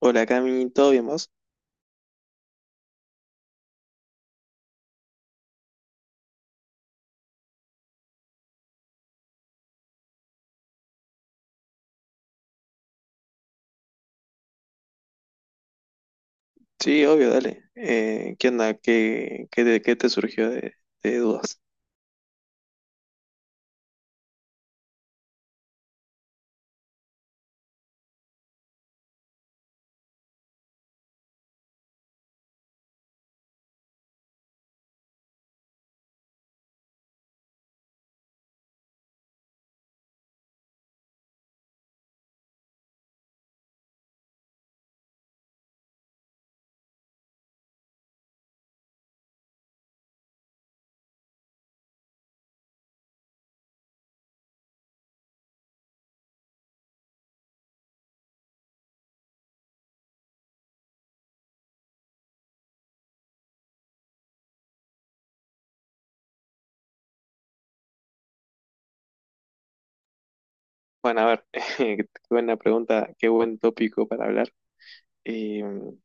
Hola Cami, ¿todo bien vos? Sí, obvio, dale. ¿Qué onda? ¿Qué te surgió de dudas? Bueno, a ver, qué buena pregunta, qué buen tópico para hablar. Y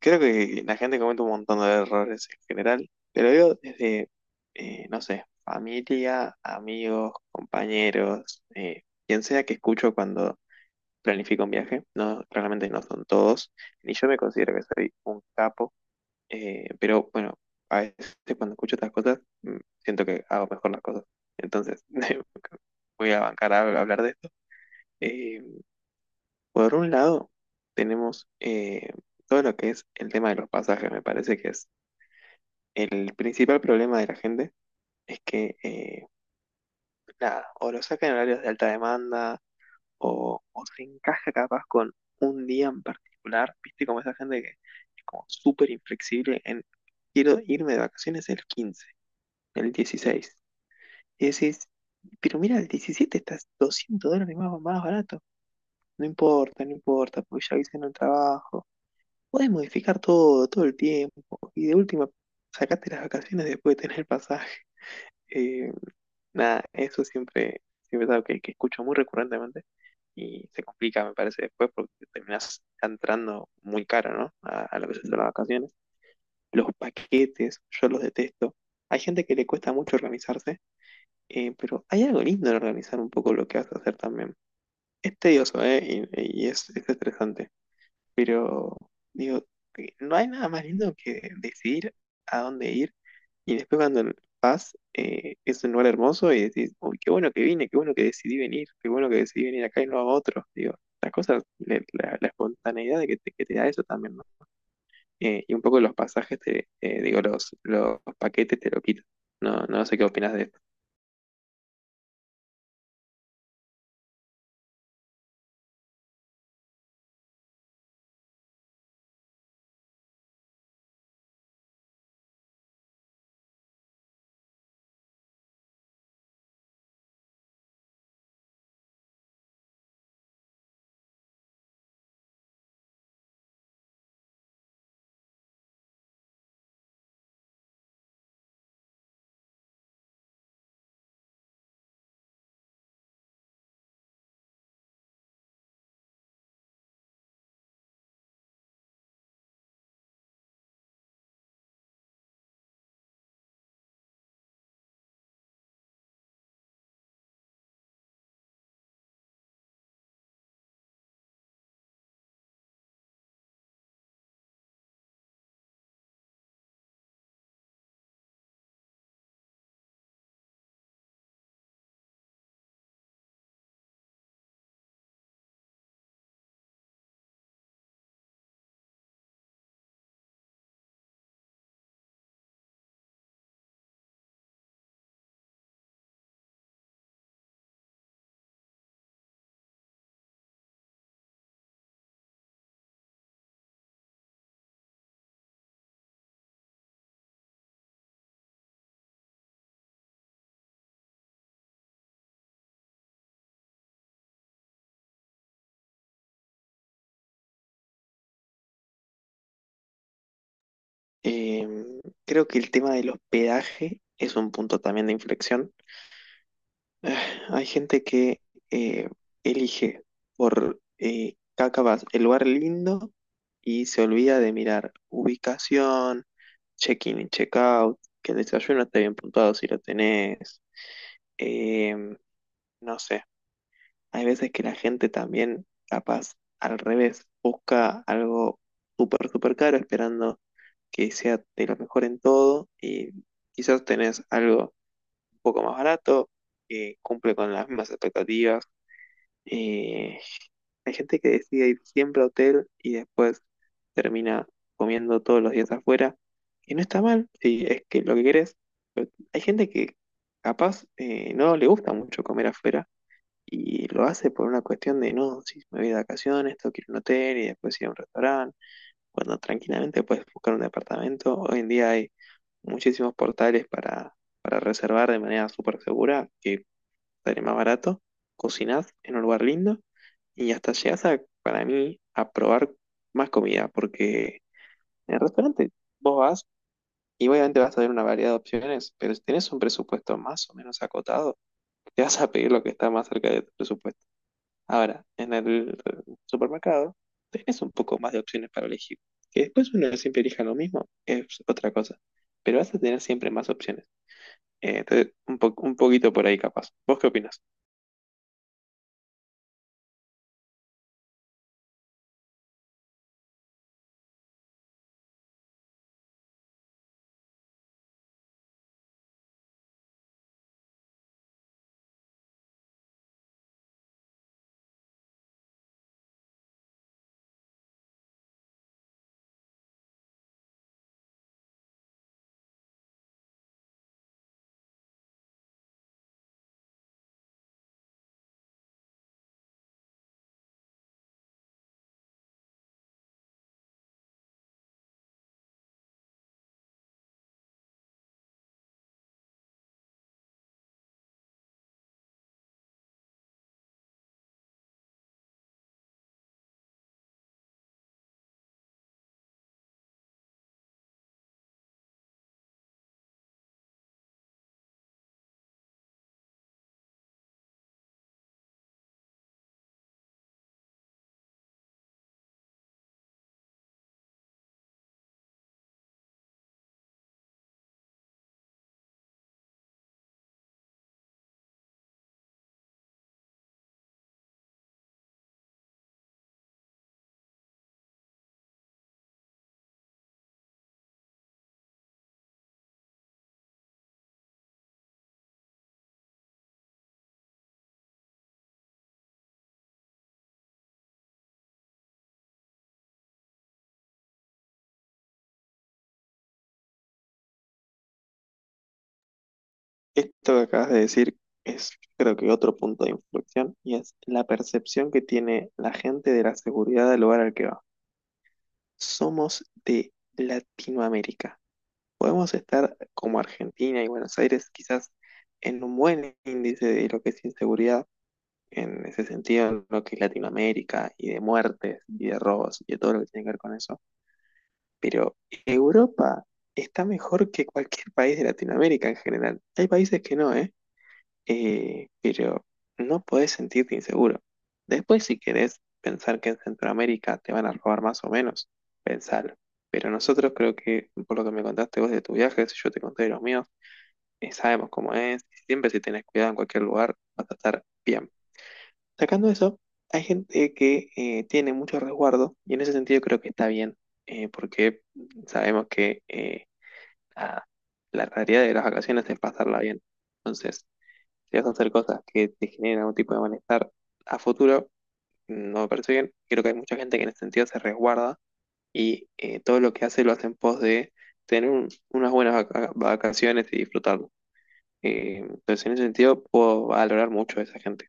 creo que la gente comete un montón de errores en general, pero yo desde, no sé, familia, amigos, compañeros, quien sea que escucho cuando planifico un viaje, no, claramente no son todos, ni yo me considero que soy un capo. Pero bueno, a veces cuando escucho estas cosas, siento que hago mejor las cosas. Entonces, voy a bancar a hablar de esto. Eh, por un lado, tenemos todo lo que es el tema de los pasajes. Me parece que es el principal problema de la gente, es que, nada, o lo sacan en horarios de alta demanda, o se encaja capaz con un día en particular. Viste como esa gente que es como súper inflexible en, quiero irme de vacaciones el 15, el 16. Y decís, pero mira, el 17 está 200 dólares más, más barato. No importa, no importa, porque ya hice en el trabajo. Podés modificar todo, todo el tiempo. Y de última, sacaste las vacaciones después de tener el pasaje. Eh, Nada, eso siempre, siempre es algo que escucho muy recurrentemente. Y se complica, me parece, después porque terminás entrando muy caro, ¿no? A lo que son las vacaciones. Los paquetes, yo los detesto. Hay gente que le cuesta mucho organizarse. Pero hay algo lindo en organizar un poco lo que vas a hacer también. Es tedioso, ¿eh? Y es estresante. Pero, digo, no hay nada más lindo que decidir a dónde ir y después cuando vas, es un lugar hermoso y decís, uy, qué bueno que vine, qué bueno que decidí venir, qué bueno que decidí venir acá y no a otro. Digo, las cosas, la espontaneidad de que te da eso también, ¿no? Y un poco los pasajes, digo, los paquetes te lo quitan. No, no sé qué opinas de eso. Eh, Creo que el tema del hospedaje es un punto también de inflexión. Eh, Hay gente que eh, elige por Kakavas el lugar lindo y se olvida de mirar ubicación, check-in y check-out, que el desayuno esté bien puntuado si lo tenés. eh, no sé, hay veces que la gente también, capaz, al revés, busca algo súper, súper caro esperando que sea de lo mejor en todo y quizás tenés algo un poco más barato que cumple con las mismas expectativas. Eh, Hay gente que decide ir siempre a hotel y después termina comiendo todos los días afuera, y no está mal, si es que lo que querés. Pero hay gente que capaz no le gusta mucho comer afuera y lo hace por una cuestión de, no, si me voy de vacaciones, tengo que ir a un hotel y después ir a un restaurante, cuando tranquilamente puedes buscar un departamento. Hoy en día hay muchísimos portales para reservar de manera súper segura, que sale más barato, cocinás en un lugar lindo y hasta llegas a, para mí, a probar más comida, porque en el restaurante vos vas y obviamente vas a ver una variedad de opciones, pero si tenés un presupuesto más o menos acotado, te vas a pedir lo que está más cerca de tu presupuesto. Ahora, en el supermercado tenés un poco más de opciones para elegir. Que después uno siempre elija lo mismo es otra cosa. Pero vas a tener siempre más opciones. Entonces, un poquito por ahí capaz. ¿Vos qué opinas? Esto que acabas de decir es, creo que, otro punto de inflexión y es la percepción que tiene la gente de la seguridad del lugar al que va. Somos de Latinoamérica. Podemos estar como Argentina y Buenos Aires quizás en un buen índice de lo que es inseguridad, en ese sentido, en lo que es Latinoamérica, y de muertes, y de robos, y de todo lo que tiene que ver con eso. Pero Europa está mejor que cualquier país de Latinoamérica en general. Hay países que no, ¿eh? Pero no podés sentirte inseguro. Después, si querés pensar que en Centroamérica te van a robar más o menos, pensalo. Pero nosotros creo que, por lo que me contaste vos de tu viaje, si yo te conté de los míos, sabemos cómo es. Siempre si tenés cuidado en cualquier lugar, vas a estar bien. Sacando eso, hay gente que tiene mucho resguardo y en ese sentido creo que está bien, porque sabemos que nada, la realidad de las vacaciones es pasarla bien. Entonces, si vas a hacer cosas que te generen algún tipo de malestar a futuro, no me parece bien. Creo que hay mucha gente que en ese sentido se resguarda y todo lo que hace lo hace en pos de tener unas buenas vacaciones y disfrutarlo. Entonces, en ese sentido, puedo valorar mucho a esa gente.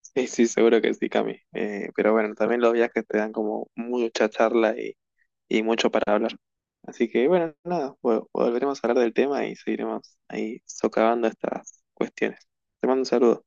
Sí, sí, seguro que sí, Cami. Pero bueno, también los viajes te dan como mucha charla y mucho para hablar. Así que bueno, nada, volveremos a hablar del tema y seguiremos ahí socavando estas cuestiones. Te mando un saludo.